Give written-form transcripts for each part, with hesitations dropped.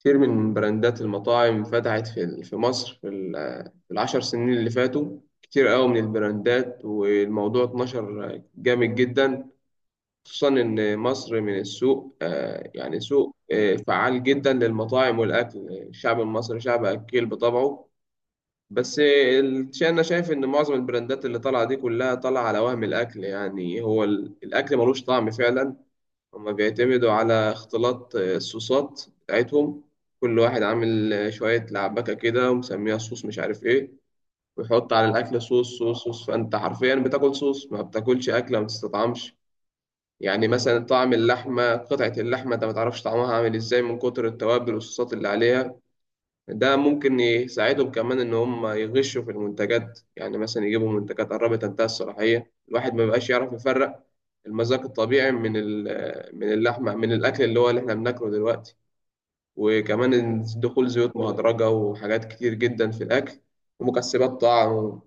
كتير من براندات المطاعم فتحت في مصر في ال10 سنين اللي فاتوا. كتير قوي من البراندات والموضوع اتنشر جامد جدا، خصوصا إن مصر من السوق، يعني سوق فعال جدا للمطاعم والأكل. الشعب المصري شعب أكيل بطبعه. بس أنا شايف إن معظم البراندات اللي طالعة دي كلها طالعة على وهم الأكل. يعني هو الأكل ملوش طعم فعلا. هما بيعتمدوا على اختلاط الصوصات بتاعتهم. كل واحد عامل شوية لعبكة كده ومسميها صوص مش عارف ايه، ويحط على الأكل صوص صوص صوص، فأنت حرفيا بتاكل صوص، ما بتاكلش أكلة، ما بتستطعمش. يعني مثلا طعم اللحمة، قطعة اللحمة أنت ما تعرفش طعمها عامل ازاي من كتر التوابل والصوصات اللي عليها. ده ممكن يساعدهم كمان إن هم يغشوا في المنتجات، يعني مثلا يجيبوا منتجات قربت تنتهي الصلاحية، الواحد ما بيبقاش يعرف يفرق المذاق الطبيعي من من اللحمة، من الأكل اللي هو اللي إحنا بناكله دلوقتي. وكمان دخول زيوت مهدرجة وحاجات كتير جدا في الأكل، ومكسبات طعم.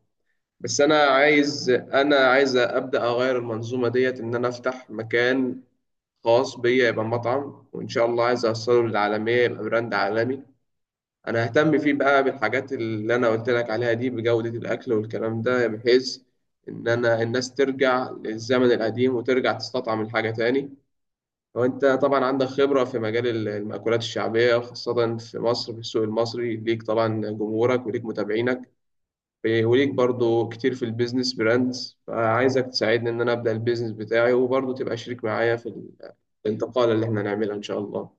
بس أنا عايز أبدأ أغير المنظومة ديت، إن أنا أفتح مكان خاص بيا، يبقى مطعم، وإن شاء الله عايز أوصله للعالمية يبقى براند عالمي. انا اهتم فيه بقى بالحاجات اللي انا قلت لك عليها دي، بجودة الاكل والكلام ده، بحيث ان انا الناس ترجع للزمن القديم وترجع تستطعم الحاجة تاني. وانت طبعا عندك خبرة في مجال المأكولات الشعبية، خاصة في مصر، في السوق المصري ليك طبعا جمهورك وليك متابعينك، وليك برضو كتير في البيزنس براندز، فعايزك تساعدني ان انا ابدأ البيزنس بتاعي، وبرضو تبقى شريك معايا في الانتقال اللي احنا هنعملها ان شاء الله.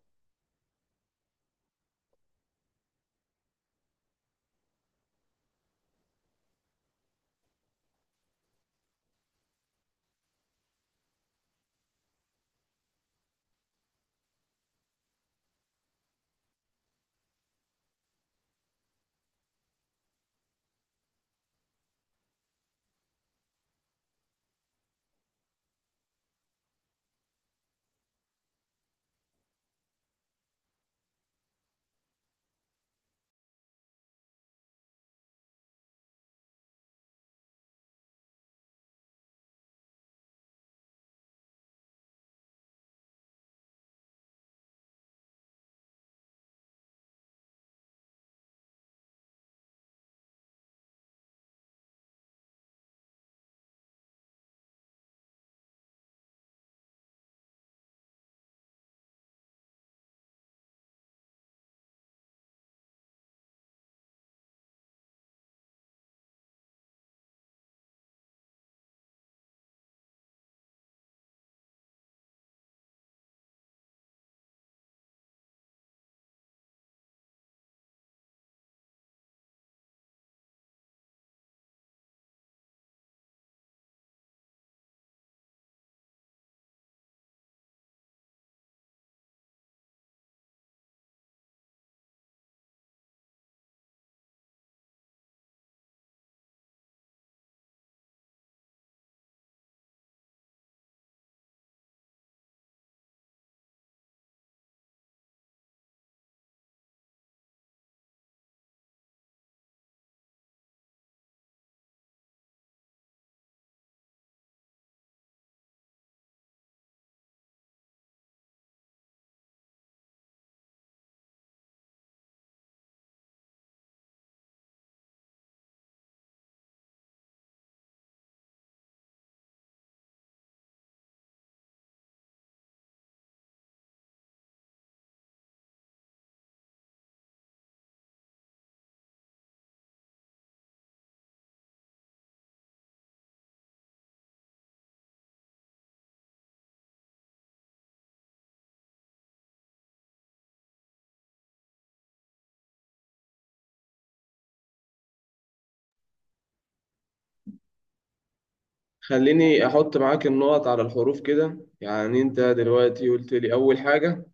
خليني أحط معاك النقط على الحروف كده. يعني أنت دلوقتي قلت لي أول حاجة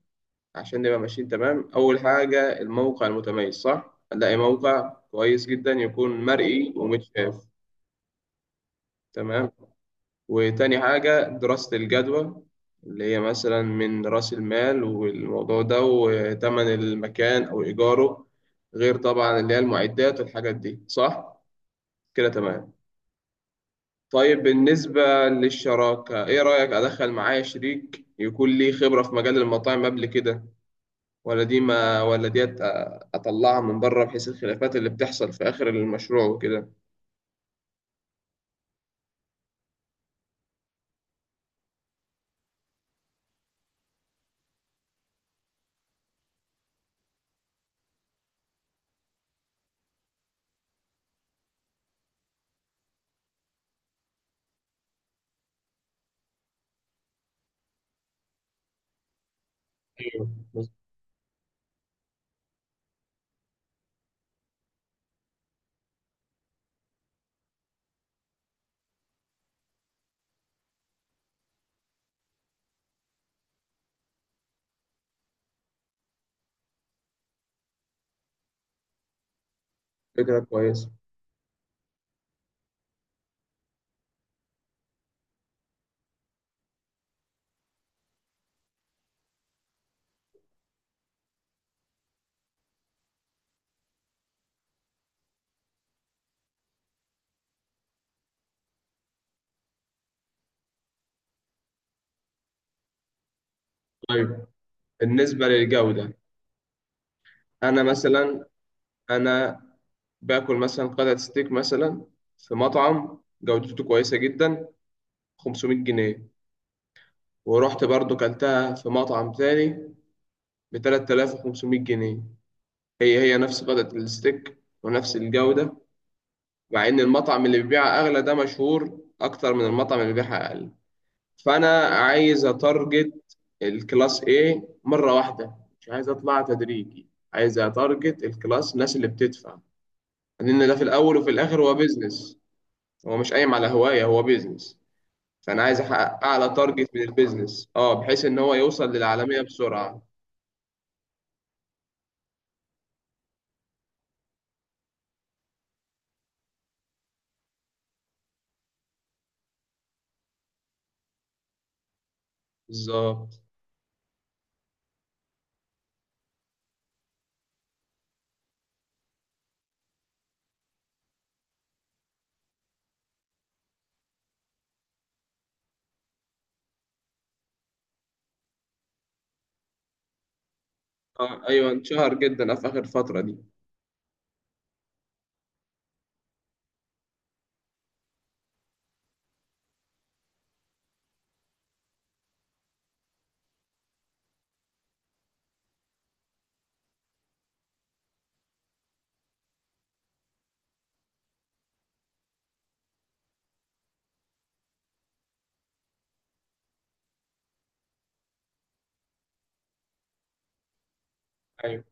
عشان نبقى ماشيين تمام. أول حاجة الموقع المتميز، صح؟ هنلاقي موقع كويس جدا يكون مرئي ومتشاف. تمام. وتاني حاجة دراسة الجدوى، اللي هي مثلا من رأس المال والموضوع ده وتمن المكان أو إيجاره، غير طبعا اللي هي المعدات والحاجات دي، صح؟ كده تمام. طيب، بالنسبة للشراكة، إيه رأيك أدخل معايا شريك يكون ليه خبرة في مجال المطاعم قبل كده، ولا دي ما ولا ديت؟ أطلعها من بره بحيث الخلافات اللي بتحصل في آخر المشروع وكده. ايوه، بس فكرة كويسة. طيب بالنسبة للجودة، أنا مثلا، أنا باكل مثلا قطعة ستيك مثلا في مطعم جودته كويسة جدا 500 جنيه، ورحت برضو كلتها في مطعم تاني ب 3500 جنيه. هي هي نفس قطعة الستيك ونفس الجودة، مع إن المطعم اللي بيبيعها أغلى ده مشهور أكتر من المطعم اللي بيبيعها أقل. فأنا عايز أتارجت الكلاس A مرة واحدة، مش عايز أطلع تدريجي، عايز أتارجت الكلاس، الناس اللي بتدفع. لأن ده في الأول وفي الآخر هو بيزنس، هو مش قايم على هواية، هو بيزنس. فأنا عايز أحقق أعلى تارجت من البيزنس، أه، بحيث إن هو يوصل للعالمية بسرعة. بالظبط. أه أيوه، انشهر جدا في آخر الفترة دي. أيوه،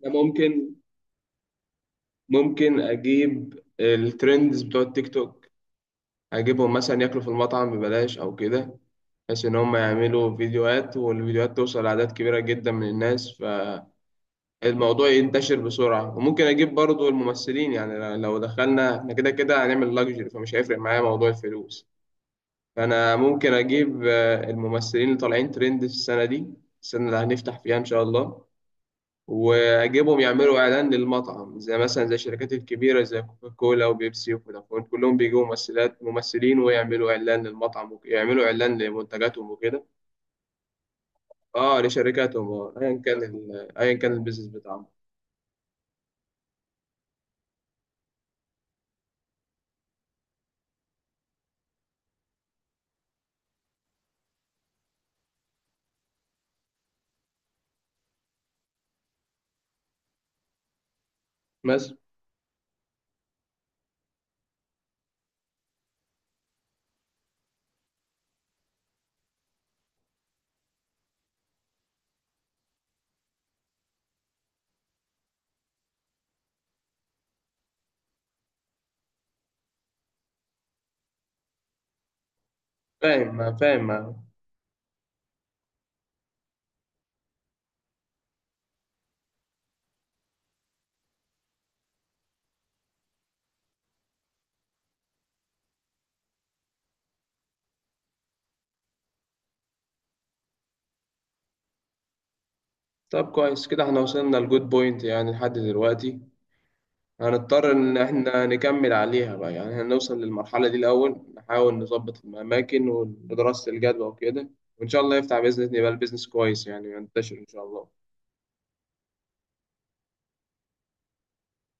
ده ممكن. ممكن اجيب الترندز بتوع التيك توك، اجيبهم مثلا ياكلوا في المطعم ببلاش او كده، بحيث ان هم يعملوا فيديوهات، والفيديوهات توصل لاعداد كبيره جدا من الناس، فالموضوع ينتشر بسرعه. وممكن اجيب برضو الممثلين، يعني لو دخلنا احنا كده كده هنعمل لاكجري، فمش هيفرق معايا موضوع الفلوس. فانا ممكن اجيب الممثلين اللي طالعين ترند في السنه دي، السنه اللي هنفتح فيها ان شاء الله، واجيبهم يعملوا اعلان للمطعم، زي مثلا زي الشركات الكبيره زي كوكا كولا وبيبسي وفودافون، كلهم بيجيبوا ممثلات ممثلين ويعملوا اعلان للمطعم ويعملوا اعلان لمنتجاتهم وكده. اه لشركاتهم، اه، ايا كان ايا كان البيزنس بتاعهم. بس فاهم فاهم. طب كويس كده، احنا وصلنا لجود بوينت يعني لحد دلوقتي. هنضطر إن إحنا نكمل عليها بقى، يعني هنوصل للمرحلة دي الأول، نحاول نظبط الأماكن ودراسة الجدوى وكده. وإن شاء الله يفتح بإذن الله، يبقى البيزنس كويس يعني، ينتشر إن شاء الله.